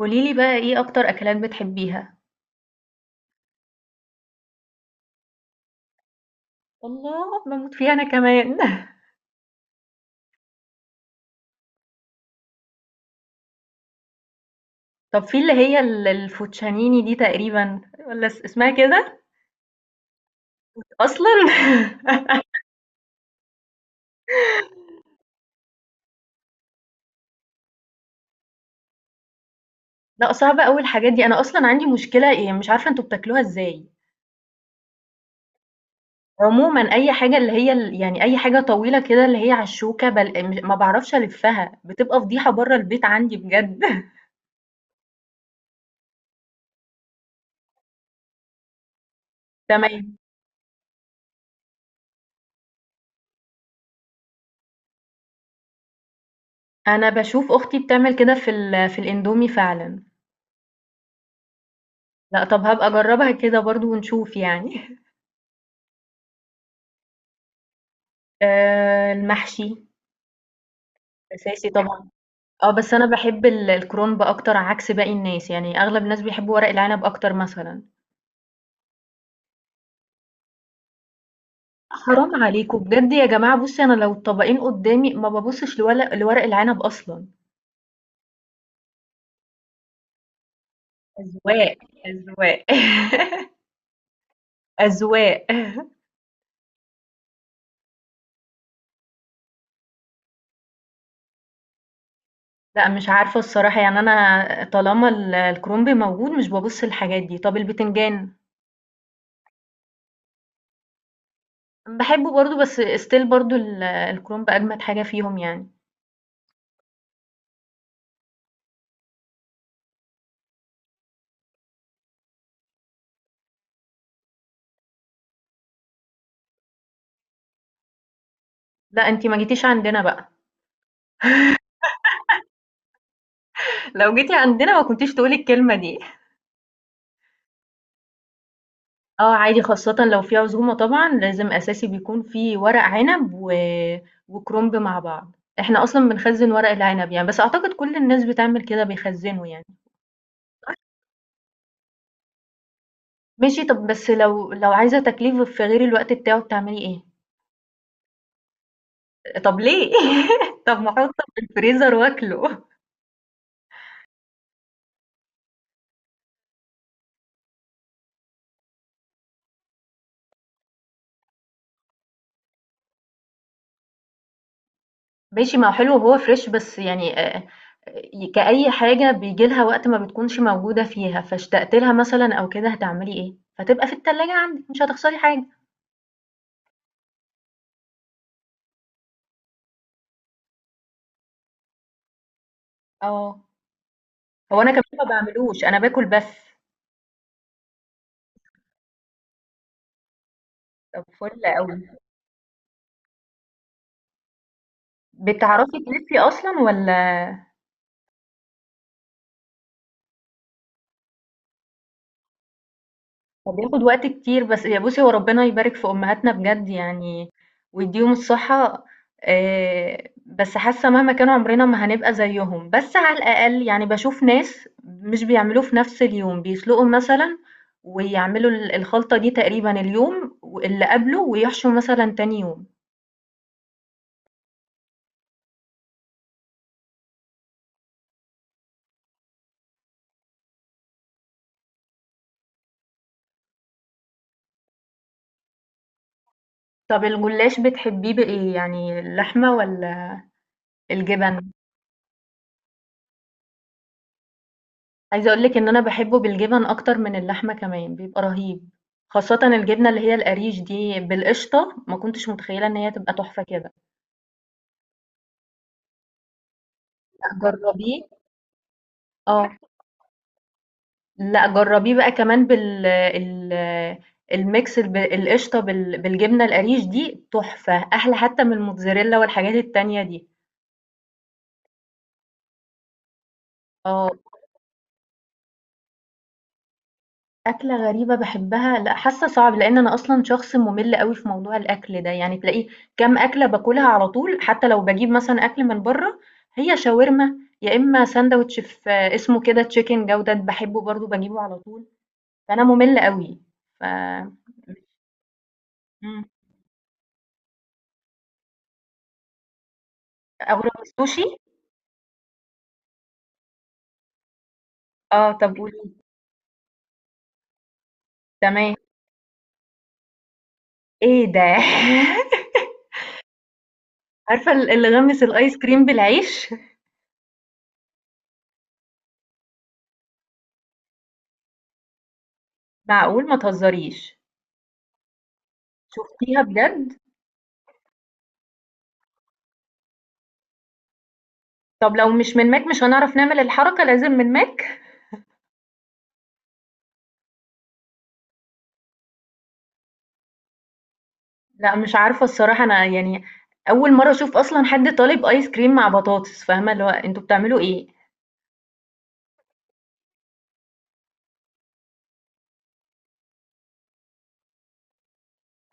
قولي لي بقى إيه أكتر أكلات بتحبيها؟ الله باموت فيها انا كمان. طب في اللي هي الفوتشانيني دي تقريبا ولا اسمها كده؟ أصلا. لا صعبة أوي الحاجات دي. أنا أصلا عندي مشكلة إيه مش عارفة أنتوا بتاكلوها إزاي. عموما أي حاجة اللي هي يعني أي حاجة طويلة كده اللي هي على الشوكة ما بعرفش ألفها بتبقى فضيحة بره البيت عندي بجد. تمام. أنا بشوف أختي بتعمل كده في الإندومي فعلا. لا طب هبقى أجربها كده برضو ونشوف يعني. المحشي أساسي طبعًا، آه، بس أنا باحب ال الكرنب أكتر عكس باقي الناس، يعني أغلب الناس بيحبوا ورق العنب أكتر مثلًا. حرام عليكم بجد يا جماعة بُصّي أنا لو الطبقين قدّامي ما بابُصّش لورق العنب أصلًا. أذواق، أذواق، أذواق. لأ مش عارفة الصراحة، يعني أنا طالما ال الكرنب موجود مش بابُص للحاجات دي. طَب البتنجان؟ باحبه برضه بس still برضه ال الكرنب أجمد حاجة فيهم يعني. لأ أنتِ ما جيتيش عندنا بقى. لو جيتي عندنا ما كنتيش تقولي الكلمة دي. اه عادي خاصة لو في عزومة طبعا لازم أساسي بيكون في ورق عنب وكرنب مع بعض. احنا أصلا بنخزن ورق العنب يعني بس أعتقد كل الناس بتعمل كده بيخزنوا يعني. ماشي طب بس لو عايزة تكليف في غير الوقت بتاعه بتعملي ايه؟ طب ليه. طب ما احطه في الفريزر واكله. ماشي ما هو حلو وهو فريش بس يعني آه، آه، كأي حاجة بيجي لها وقت ما بتكونش موجودة فيها فاشتقت لها مثلا أو كده هتعملي إيه؟ فتبقى في التلاجة عندك مش هتخسري حاجة. اه هو أنا كمان ما بعملوش. أنا باكل بس. طب فل قوي. مم. بتعرفي تلفي اصلا ولا. هو بياخد وقت كتير بس يا بُصّي هو ربنا يبارك في أمهاتنا بجد يعني ويديهم الصحة. بس حاسة مهما كان عمرنا ما هنبقى زيهم، بس على الأقل يعني باشوف ناس مش بيعملوه في نفس اليوم، بيسلقوا مثلًا ويعملوا ال الخلطة دي تقريبًا اليوم واللي قبله ويحشوا مثلًا تاني يوم. طب الجلاش بتحبيه بإيه، يعني اللحمة والّا الجبن؟ عايزة اقول لِك إن أنا باحبه بالجبن أكتر من اللحمة كمان، بيبقى رهيب، خاصةً الجبنة اللي هي القريش دي بالقشطة، ما كنتش متخيلة إن هي تبقى تحفة كده. لأ جربيه. آه، لأ جربيه بقى كمان بال ال الميكس القشطة بالجبنة القريش دي تحفة، أحلى حتى من الموتزاريلا والحاجات التانية دي. آه. أكلة غريبة باحبها لأ، حاسة صعب، لإن أنا أصلًا شخص مُمِل أوي في موضوع الأكل ده، يعني تلاقيه كام أكلة باكلها على طول، حتى لو باجيب مثلًا أكل من برّه، هي شاورما يا إما ساندوتش في اسمه كده chicken جودة باحبه برضه باجيبه على طول، فأنا مُمِل أوي. ف إمم، أغرب السوشي؟ آه، طب قولي لي. تمام. إيه ده! عارفة اللي غمّس الآيس كريم بالعيش؟ معقول! ما تهزريش. شُفتيها بجد؟ طب لو مش من ماك مش هنعرف نعمل الحركة لازم من ماك؟ لأ مش عارفة الصراحة أنا يعني أول مرة أشوف أصلًا حد طالب آيس كريم مع بطاطس، فاهمة؟ اللي هو أنتم بتعملوا إيه؟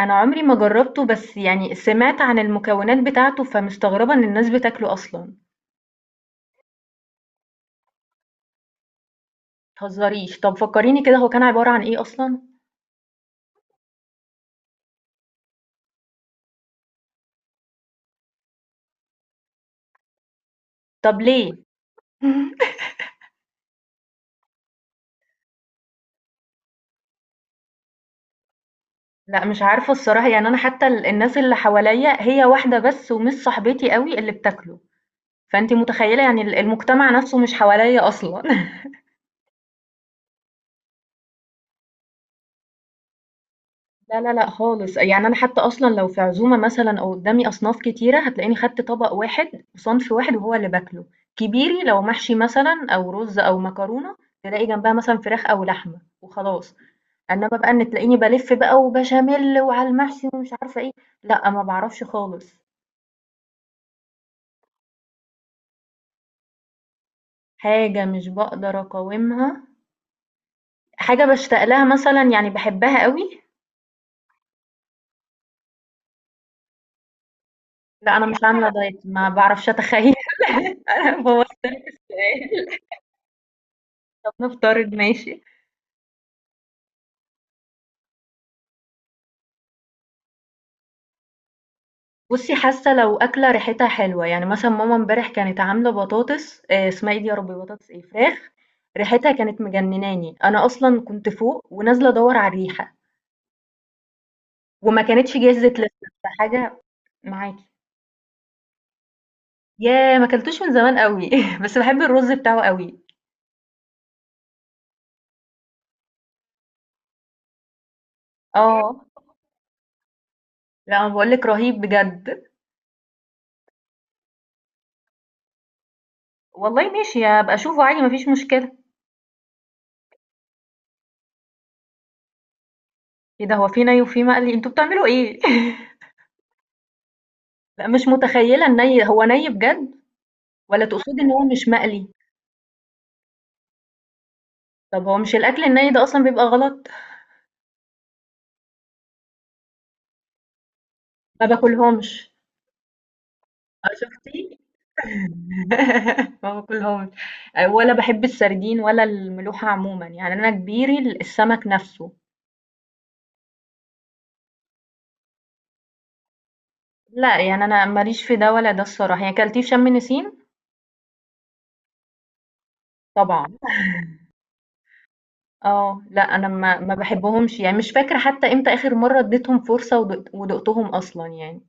أنا عمري ما جربته بس يعني سمعت عن المكونات بتاعته، فمستغربة إن الناس بتاكله أصلًا، ما تهزريش. طب فكريني كده هو كان عبارة عن إيه أصلًا؟ طب ليه؟ لأ مش عارفة الصراحة يعني أنا حتى ال الناس اللي حواليّا هي واحدة بس ومش صاحبتي أوي اللي بتاكله، فأنتِ متخيلة يعني ال المجتمع نفسه مش حواليّا أصلًا. لا لا لأ خالص، يعني أنا حتى أصلًا لو في عزومة مثلًا أو قدامي أصناف كتيرة هتلاقيني خدت طبق واحد وصنف واحد وهو اللي باكله، كبيري لو محشي مثلًا أو رز أو مكرونة تلاقي جنبها مثلًا فراخ أو لحمة وخلاص، إنما بقى إن تلاقيني بالِف بقى وبشاميل وعلى المحشي ومش عارفة إيه، لأ ما باعرفش خالص. حاجة مش باقدر أقاومها، حاجة باشتاق لها مثلًا يعني باحبها أوي. لأ أنا مش عاملة دايت ما باعرفش أتخيل. أنا بوظت لك السؤال. طب نفترض ماشي. بُصّي، حاسة لو أكلة ريحتها حلوة، يعني مثلًا ماما امبارح كانت عاملة بطاطس اسمها إيه دي يا ربي بطاطس إيه، فراخ ريحتها كانت مجنناني، أنا أصلًا كنت فوق ونازلة أدوّر على الريحة، وما كانتش جهزت لسه، فحاجة معاكِ. ياه! ما اكلتوش من زمان أوي. بس باحب الرز بتاعه أوي. آه، لأ، أنا باقول لِك رهيب بجد. والله ماشي، هابقى أشوفه عادي ما فيش مشكلة. إيه ده هو في ني وفي مقلي، أنتم بتعملوا إيه؟ لأ، مش متخيلة الني، هو ني بجد والّا تقصدي إن هو مش مقلي؟ طب هو مش الأكل الني ده أصلًا بيبقى غلط؟ ما باكلهمش. آه شُفتِ؟ ما باكلهمش، ولا باحب السردين ولا الملوحة عمومًا، يعني أنا كبيري السمك نَفْسه. لأ يعني أنا ما ليش في ده ولا ده الصراحة، يعني كلتيه في شم نسيم؟ طبعًا، آه، لأ أنا ما باحبهمش، يعني مش فاكرة حتى إمتى آخر مرّة اديتهم فرصة ودُقتهم أصلًا يعني.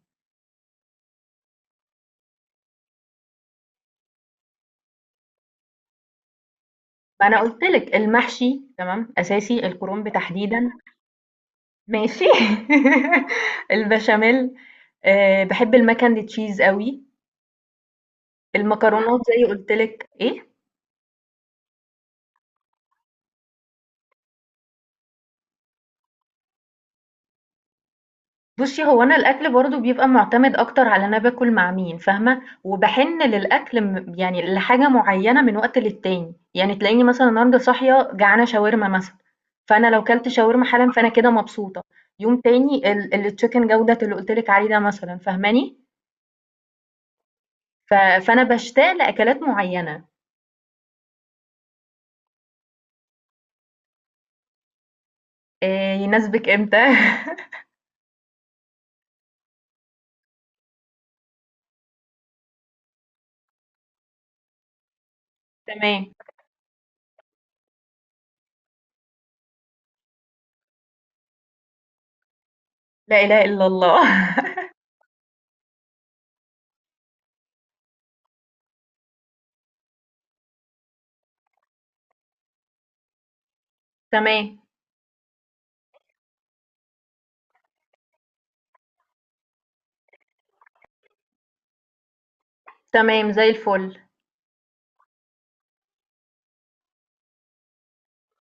ما أنا قُلت لِك المحشي تمام، أساسي، الكرنب تحديدًا. ماشي. البشاميل آه، بحب المكن دي تشيز قوي. المكرونات زي قلت لك ايه. بصي هو انا الاكل برضو بيبقى معتمد اكتر على انا باكل مع مين فاهمه وبحن للاكل يعني لحاجه معينه من وقت للتاني يعني تلاقيني مثلا النهارده صاحيه جعانه شاورما مثلا فانا لو كلت شاورما حالا فانا كده مبسوطه. يوم تاني التشيكن جوده اللي قلت لك عليه ده مثلا فاهماني. ف- فانا بشتاق لاكلات معينه. إيه يناسبك امتى. تمام. لا إله إلا الله. تمام، تمام زي الفل.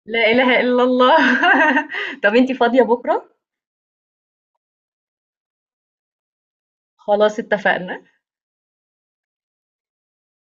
لا إله إلا الله. طب أنتِ فاضية بكرة؟ خلاص اتفقنا.